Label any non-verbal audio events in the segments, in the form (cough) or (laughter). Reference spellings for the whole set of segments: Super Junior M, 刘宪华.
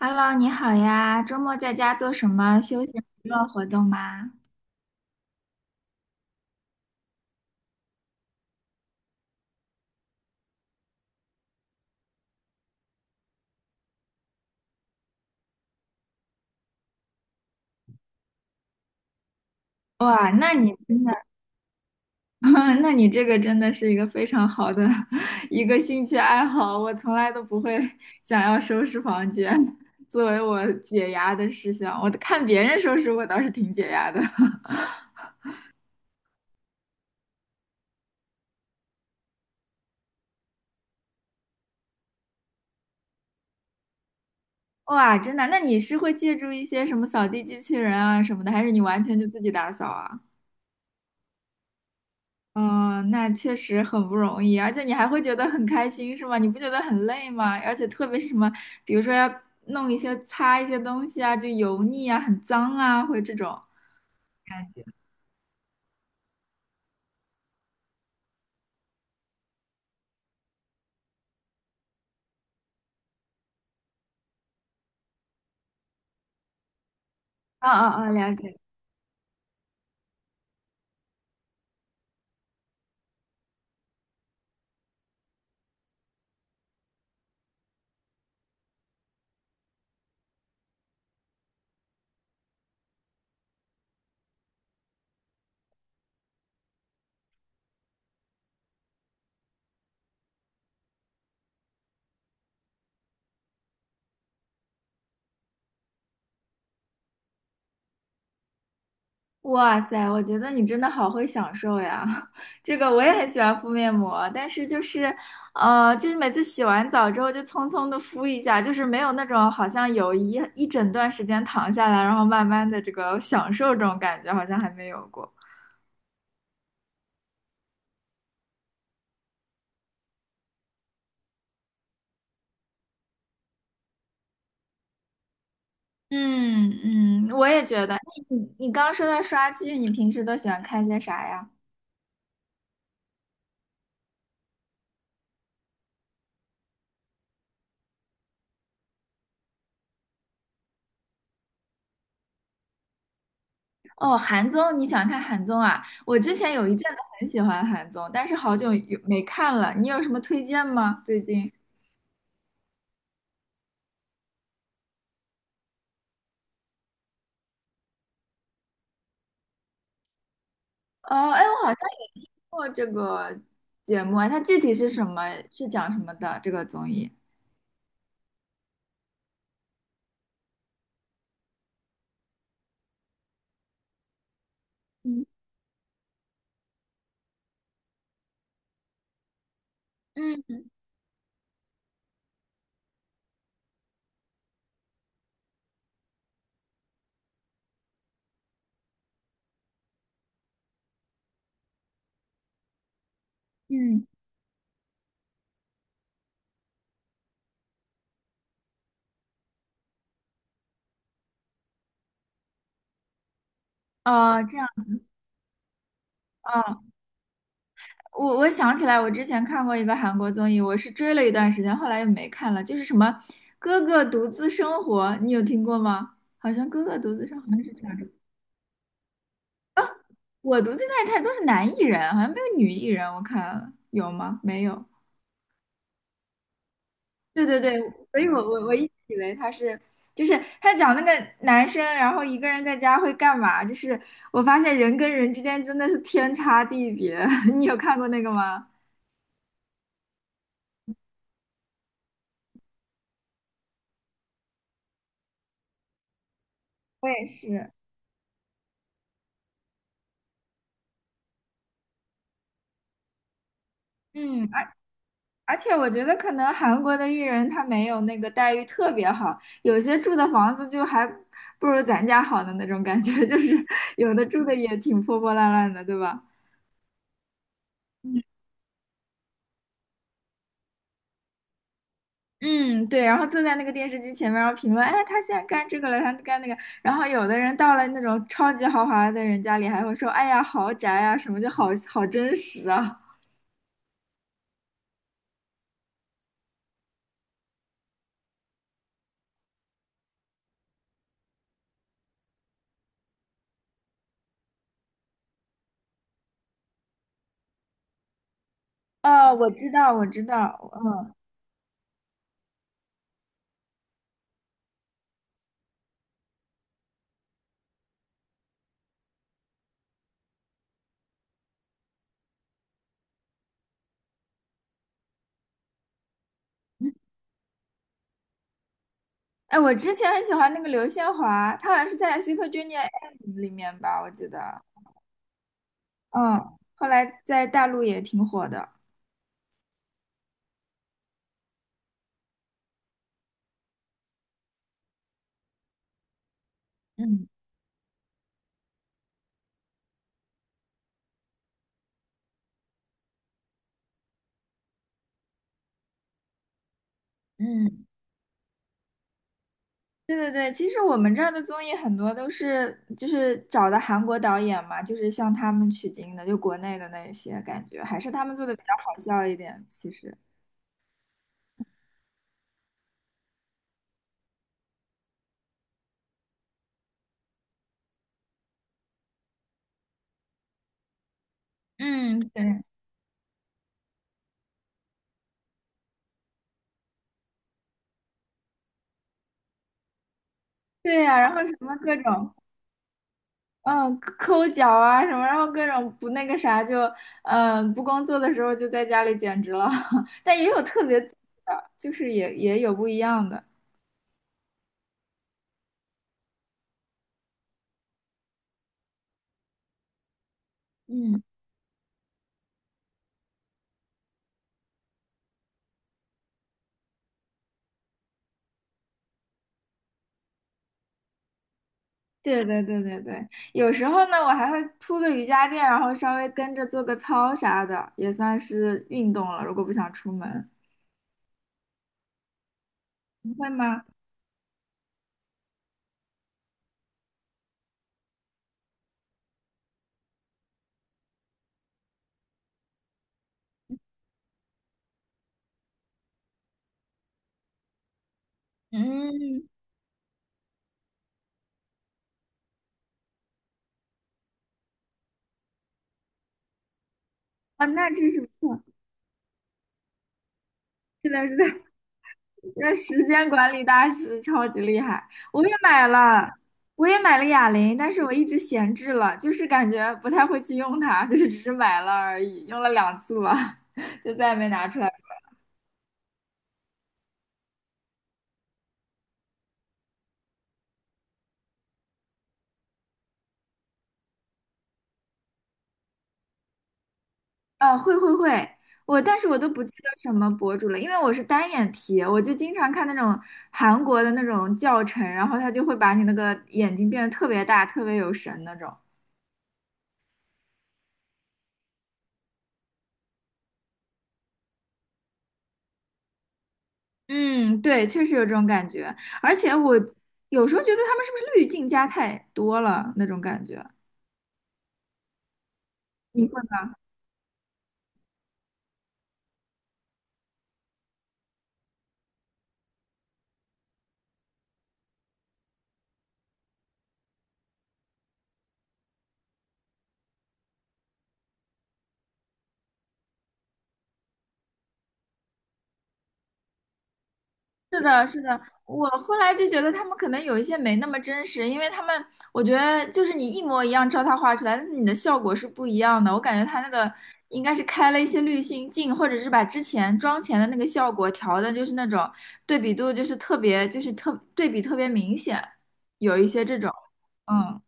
Hello，你好呀，周末在家做什么休闲娱乐活动吗？哇，那你真的，(laughs) 那你这个真的是一个非常好的 (laughs) 一个兴趣爱好，我从来都不会 (laughs) 想要收拾房间作为我解压的事项，我看别人收拾我倒是挺解压的。(laughs) 哇，真的，那你是会借助一些什么扫地机器人啊什么的，还是你完全就自己打扫啊？嗯，那确实很不容易，而且你还会觉得很开心，是吗？你不觉得很累吗？而且特别是什么，比如说要弄一些擦一些东西啊，就油腻啊、很脏啊，会这种感觉。啊啊啊！了解。哇塞，我觉得你真的好会享受呀！(laughs) 这个我也很喜欢敷面膜，但是就是，就是每次洗完澡之后就匆匆的敷一下，就是没有那种好像有一整段时间躺下来，然后慢慢的这个享受这种感觉，好像还没有过。嗯嗯，我也觉得。你刚刚说到刷剧，你平时都喜欢看些啥呀？哦，韩综，你喜欢看韩综啊？我之前有一阵子很喜欢韩综，但是好久有没看了。你有什么推荐吗？最近？哦，哎，我好像也听过这个节目啊，它具体是什么？是讲什么的？这个综艺？嗯嗯嗯，哦，这样。哦，我想起来，我之前看过一个韩国综艺，我是追了一段时间，后来又没看了，就是什么《哥哥独自生活》，你有听过吗？好像《哥哥独自生活》好像是这样的。我独自在看都是男艺人，好像没有女艺人，我看了有吗？没有。对对对，所以我一直以为他是，就是他讲那个男生，然后一个人在家会干嘛？就是我发现人跟人之间真的是天差地别。(laughs) 你有看过那个吗？我也是。嗯。而且我觉得可能韩国的艺人他没有那个待遇特别好，有些住的房子就还不如咱家好的那种感觉，(laughs) 就是有的住的也挺破破烂烂的，对吧？嗯嗯，对，然后坐在那个电视机前面，然后评论，哎，他现在干这个了，他干那个，然后有的人到了那种超级豪华的人家里，还会说，哎呀，豪宅啊，什么就好好真实啊。哦，我知道，我知道，嗯。哎，我之前很喜欢那个刘宪华，他好像是在 Super Junior M 里面吧，我记得。嗯，后来在大陆也挺火的。嗯嗯，对对对，其实我们这儿的综艺很多都是就是找的韩国导演嘛，就是向他们取经的，就国内的那一些感觉，还是他们做的比较好笑一点，其实。嗯，对对呀、然后什么各种。嗯，抠脚啊什么，然后各种不那个啥就，嗯，不工作的时候就在家里简直了，(laughs) 但也有特别自律的，就是也有不一样的。嗯，对对对对对，有时候呢，我还会铺个瑜伽垫，然后稍微跟着做个操啥的，也算是运动了。如果不想出门，你会吗？嗯，啊，那真是不错。是的，是的。那时间管理大师超级厉害，我也买了，我也买了哑铃，但是我一直闲置了，就是感觉不太会去用它，就是只是买了而已，用了两次吧，(laughs) 就再也没拿出来。啊，会会会，我但是我都不记得什么博主了，因为我是单眼皮，我就经常看那种韩国的那种教程，然后他就会把你那个眼睛变得特别大，特别有神那种。嗯，对，确实有这种感觉，而且我有时候觉得他们是不是滤镜加太多了那种感觉。你会是的，是的，我后来就觉得他们可能有一些没那么真实，因为他们，我觉得就是你一模一样照他画出来，但是你的效果是不一样的。我感觉他那个应该是开了一些滤镜镜，或者是把之前妆前的那个效果调的，就是那种对比度就是特别，就是特对比特别明显，有一些这种，嗯。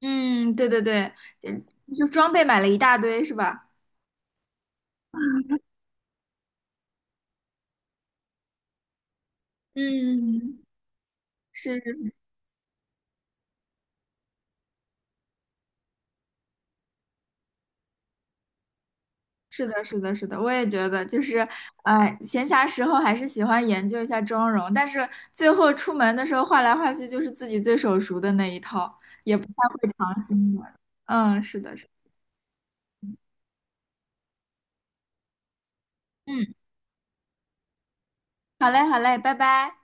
嗯，对对对，就就装备买了一大堆是吧？嗯，是是的，是的，是的，我也觉得，就是，闲暇时候还是喜欢研究一下妆容，但是最后出门的时候换来换去就是自己最手熟的那一套，也不太会尝新的。嗯，是的，是的，嗯，好嘞，好嘞，拜拜。